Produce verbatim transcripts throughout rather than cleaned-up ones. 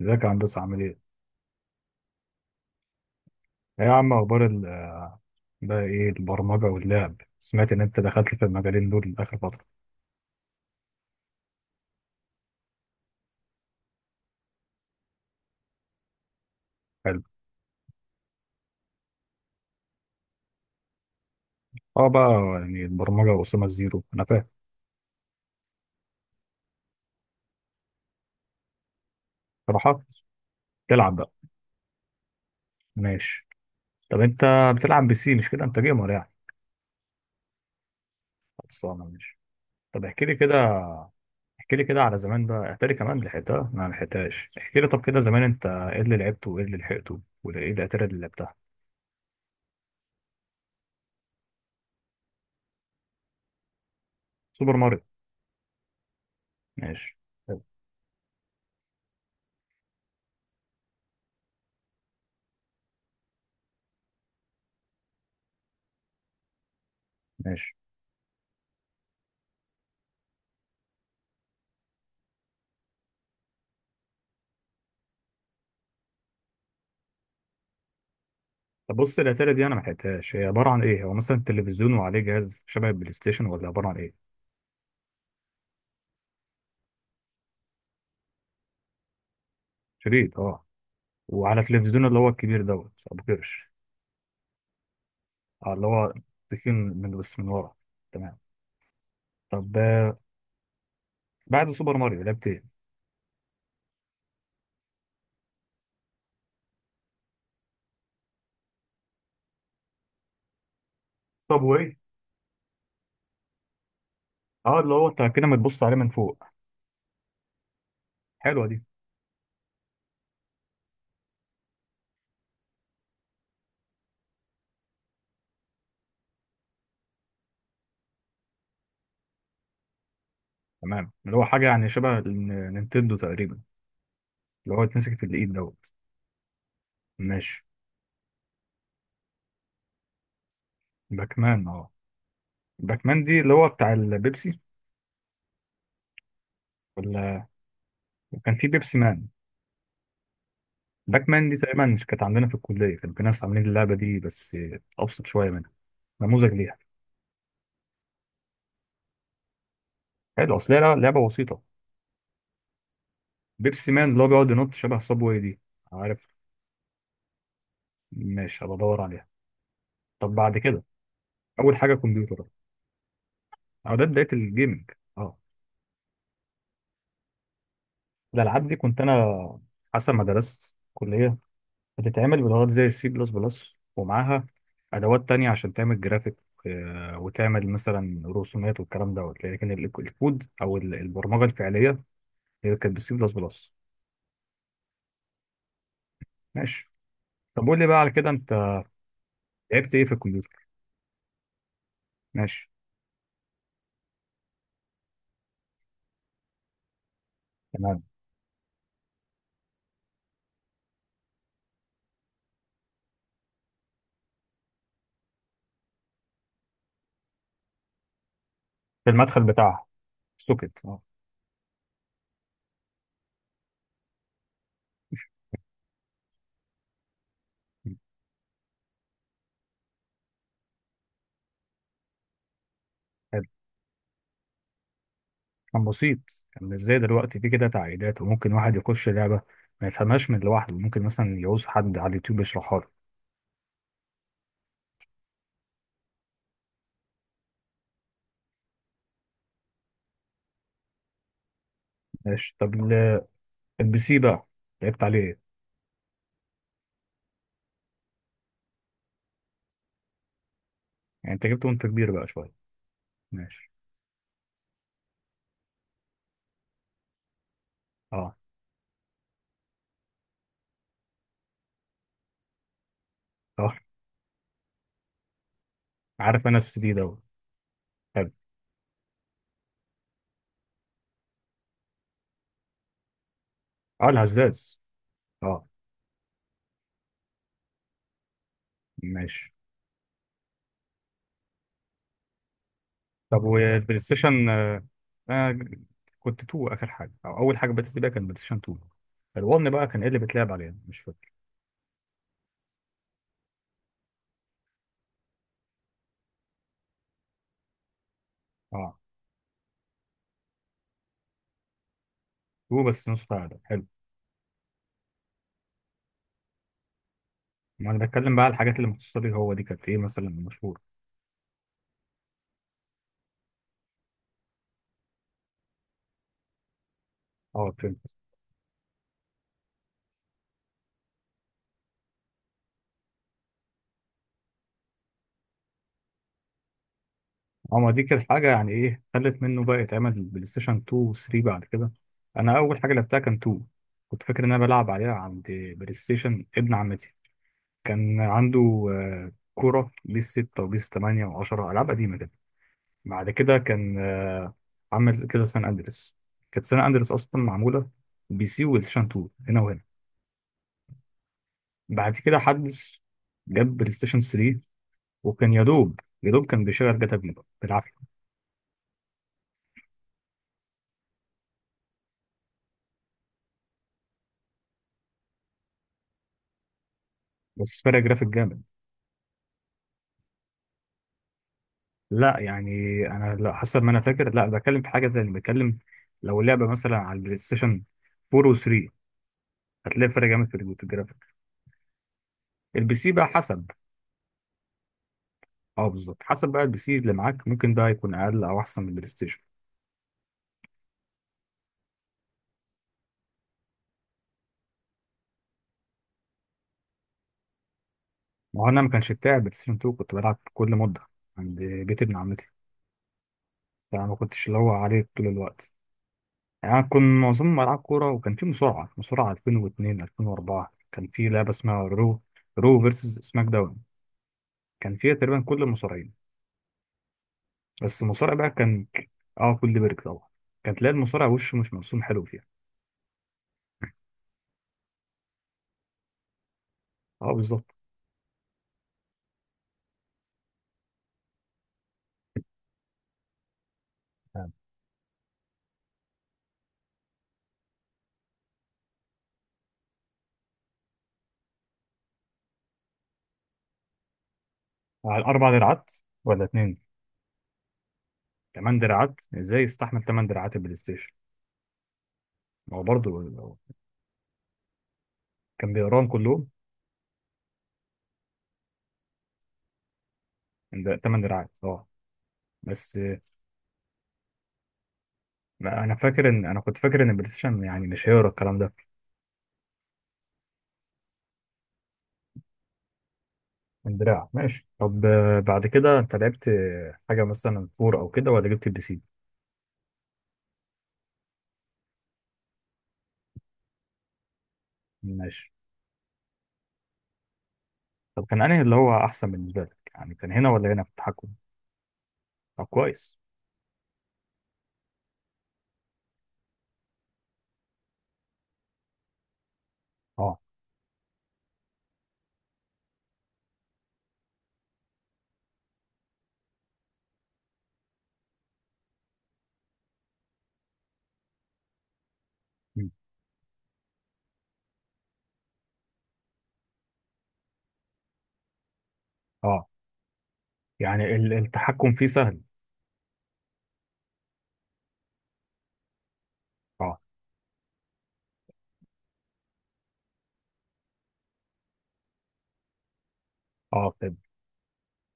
ازيك يا هندسة، عامل ايه؟ ايه يا عم، اخبار ال- بقى ايه البرمجة واللعب؟ سمعت ان انت دخلت في المجالين دول اخر فترة. حلو. اه بقى، يعني البرمجة وأسامة الزيرو انا فاهم. صراحة تلعب بقى. ماشي. طب انت بتلعب بسي، مش كده؟ انت جيمر يعني. خلصانة، ماشي. طب احكي لي كده، احكي لي كده على زمان بقى، احكي لي كمان لحقتها، انا ما لحقتهاش. احكي لي طب كده زمان، انت ايه اللي لعبته، وايه اللي لحقته، وايه الاتاري اللي لعبتها؟ سوبر ماريو. ماشي. حلو. ماشي. طب بص، الاتاري دي انا ما لحقتهاش، هي عباره عن ايه؟ هو مثلا تلفزيون وعليه جهاز شبه البلاي ستيشن، ولا عباره عن ايه؟ شريط، اه. وعلى التلفزيون اللي هو الكبير دوت ابو قرش. آه، اللي هو تكين من، بس من ورا. تمام. طب آه، بعد سوبر ماريو لعبت ايه؟ طب وايه؟ اه اللي هو انت كده ما تبص عليه من فوق. حلوه دي. تمام، اللي هو حاجه يعني شبه الن- نينتندو تقريبا، اللي هو يتمسك في الايد دوت. ماشي. باكمان، اه. باكمان دي اللي هو بتاع البيبسي، ولا كان في بيبسي مان؟ باك مان دي تقريبا كانت عندنا في الكليه، كان في ناس عاملين اللعبه دي بس ابسط شويه منها، نموذج ليها. حلو، اصل هي لعبه بسيطه. بيبسي مان اللي هو بيقعد ينط شبه صابواي دي، عارف؟ ماشي، هبقى ادور عليها. طب بعد كده اول حاجه كمبيوتر، او ده بدايه الجيمنج، اه. الالعاب دي كنت انا حسب ما درست كليه بتتعمل بلغات زي السي بلس بلس ومعاها ادوات تانية عشان تعمل جرافيك، آه، وتعمل مثلا رسومات والكلام دوت، لكن ال- الكود او ال- البرمجه الفعليه هي كانت بالسي بلس بلس. ماشي. طب قول لي بقى على كده، انت لعبت ايه في الكمبيوتر؟ ماشي. تمام. في المدخل بتاعها، السوكت، اه. حلو، كان بسيط، كان مش زي دلوقتي في كده تعقيدات، وممكن واحد يخش لعبه ما يفهمهاش من لوحده، ممكن مثلا يعوز حد على اليوتيوب يشرحها له. ماشي. طب ال- البي سي بقى لعبت عليه ايه؟ يعني انت جبته وانت كبير بقى شويه. ماشي. اه. اه، عارف انا السي دي دوت. حلو. اه الهزاز، اه. ماشي. طب والبلاي ستيشن آه، انا ج- كنت اتنين اخر حاجه، او اول حاجه بدات بيها كان بلاي ستيشن اتنين. فالواحد بقى كان ايه اللي بيتلعب عليه؟ مش فاكر. اه، اتنين بس نسخه اقل. حلو. ما انا بتكلم بقى على الحاجات اللي مخصصه لي هو، دي كانت ايه مثلا مشهور؟ اه، فهمت. اه، ما دي كانت حاجه يعني ايه خلت منه بقى يتعمل بلاي ستيشن اتنين و تلاتة بعد كده. انا اول حاجه لعبتها كان اتنين. كنت فاكر ان انا بلعب عليها عند، بلاي ستيشن ابن عمتي كان عنده، آه، كوره بيس ستة وبيس تمانية وعشرة، العاب قديمه كده. بعد كده كان عمل كده سان اندريس، كانت سان اندريس اصلا معموله بي سي، والشان اتنين هنا وهنا. بعد كده حدث جاب بلاي ستيشن تلاتة، وكان يا دوب يا دوب كان بيشغل جاتا في، بالعافيه. بس فرق جرافيك جامد. لا يعني، انا لا حسب ما انا فاكر، لا بتكلم في حاجه ثانيه، بتكلم لو لعبه مثلا على البلاي ستيشن اربعة وثلاثة هتلاقي فرق جامد في الج- في الجرافيك. البي سي بقى حسب. اه بالظبط، حسب بقى البي سي اللي معاك ممكن ده يكون اقل او احسن من البلاي ستيشن. ما هو انا ما كانش بتاعي بلاي ستيشن اتنين، كنت بلعب كل مده عند بيت ابن عمتي. يعني ما كنتش اللي هو عليه طول الوقت. يعني أنا كنت معظم ألعاب كورة، وكان في مصارعة مصارعة الفين واتنين، ألفين وأربعة كان في لعبة اسمها رو، رو فيرسز سماك داون. كان فيها تقريبا كل المصارعين، بس المصارع بقى كان، اه، كل بيرك طبعا. كان تلاقي المصارع وشه مش مرسوم حلو فيها. اه، بالظبط. نعم. على أربع دراعات ولا اتنين؟ كمان دراعات؟ ازاي يستحمل تمن دراعات البلاي ستيشن؟ ما هو برضه كان بيقراهم كلهم. ده تمن دراعات، اه. بس ما انا فاكر ان انا كنت فاكر ان البلاي ستيشن يعني مش هيقرا الكلام ده. الدراع، ماشي. طب آه، بعد كده انت لعبت آه، حاجه مثلا فور او كده، ولا جبت البي سي؟ ماشي. طب كان انهي اللي هو احسن بالنسبه لك، يعني كان هنا ولا هنا في التحكم؟ طب كويس. اه. مم. اه، يعني ال- التحكم فيه سهل. اه. اه، طب.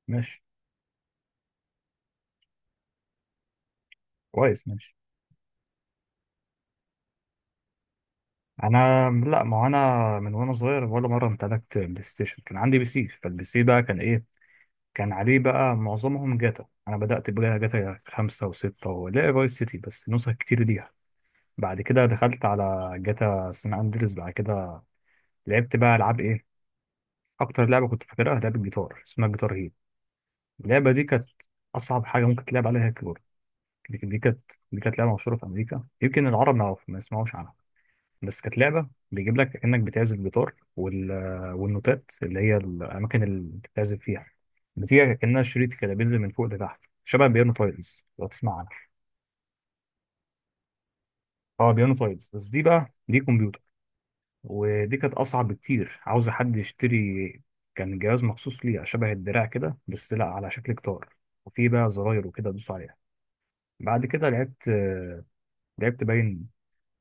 ماشي. كويس، ماشي. انا لا، ما هو انا من وانا صغير ولا مره امتلكت بلاي ستيشن، كان عندي بي سي. فالبي سي بقى كان ايه؟ كان عليه بقى معظمهم جاتا. انا بدات بجاتا، جاتا خمسة وستة، ولا فايس سيتي، بس نسخ كتير دي. بعد كده دخلت على جاتا سان اندريس. بعد كده لعبت بقى العاب ايه؟ اكتر لعبه كنت فاكرها لعبه جيتار اسمها جيتار هيرو. اللعبه دي كانت اصعب حاجه ممكن تلعب عليها كيبورد. دي دي كانت دي كانت لعبه مشهوره في امريكا، يمكن العرب ما يعرف- ما يسمعوش عنها. بس كانت لعبه بيجيب لك انك بتعزف جيتار، وال... والنوتات اللي هي الاماكن اللي بتعزف فيها بتيجي كانها شريط كده، بينزل من فوق لتحت، شبه بيانو تايلز لو تسمع عنها. اه بيانو تايلز، بس دي بقى دي كمبيوتر، ودي كانت اصعب بكتير، عاوزه حد يشتري. كان جهاز مخصوص ليه شبه الدراع كده، بس لا، على شكل جيتار، وفيه بقى زراير وكده تدوس عليها. بعد كده لعبت آه، لعبت باين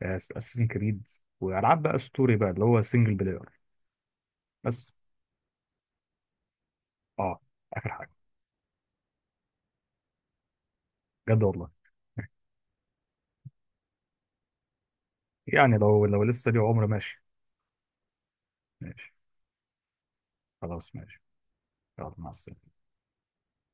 اساسن كريد، والعاب بقى ستوري بقى اللي هو سنجل بلاير، بس. اه. اخر حاجه. بجد، والله. يعني لو لو لسه ليه عمر، ماشي. ماشي، خلاص، ماشي. يلا مع السلامه.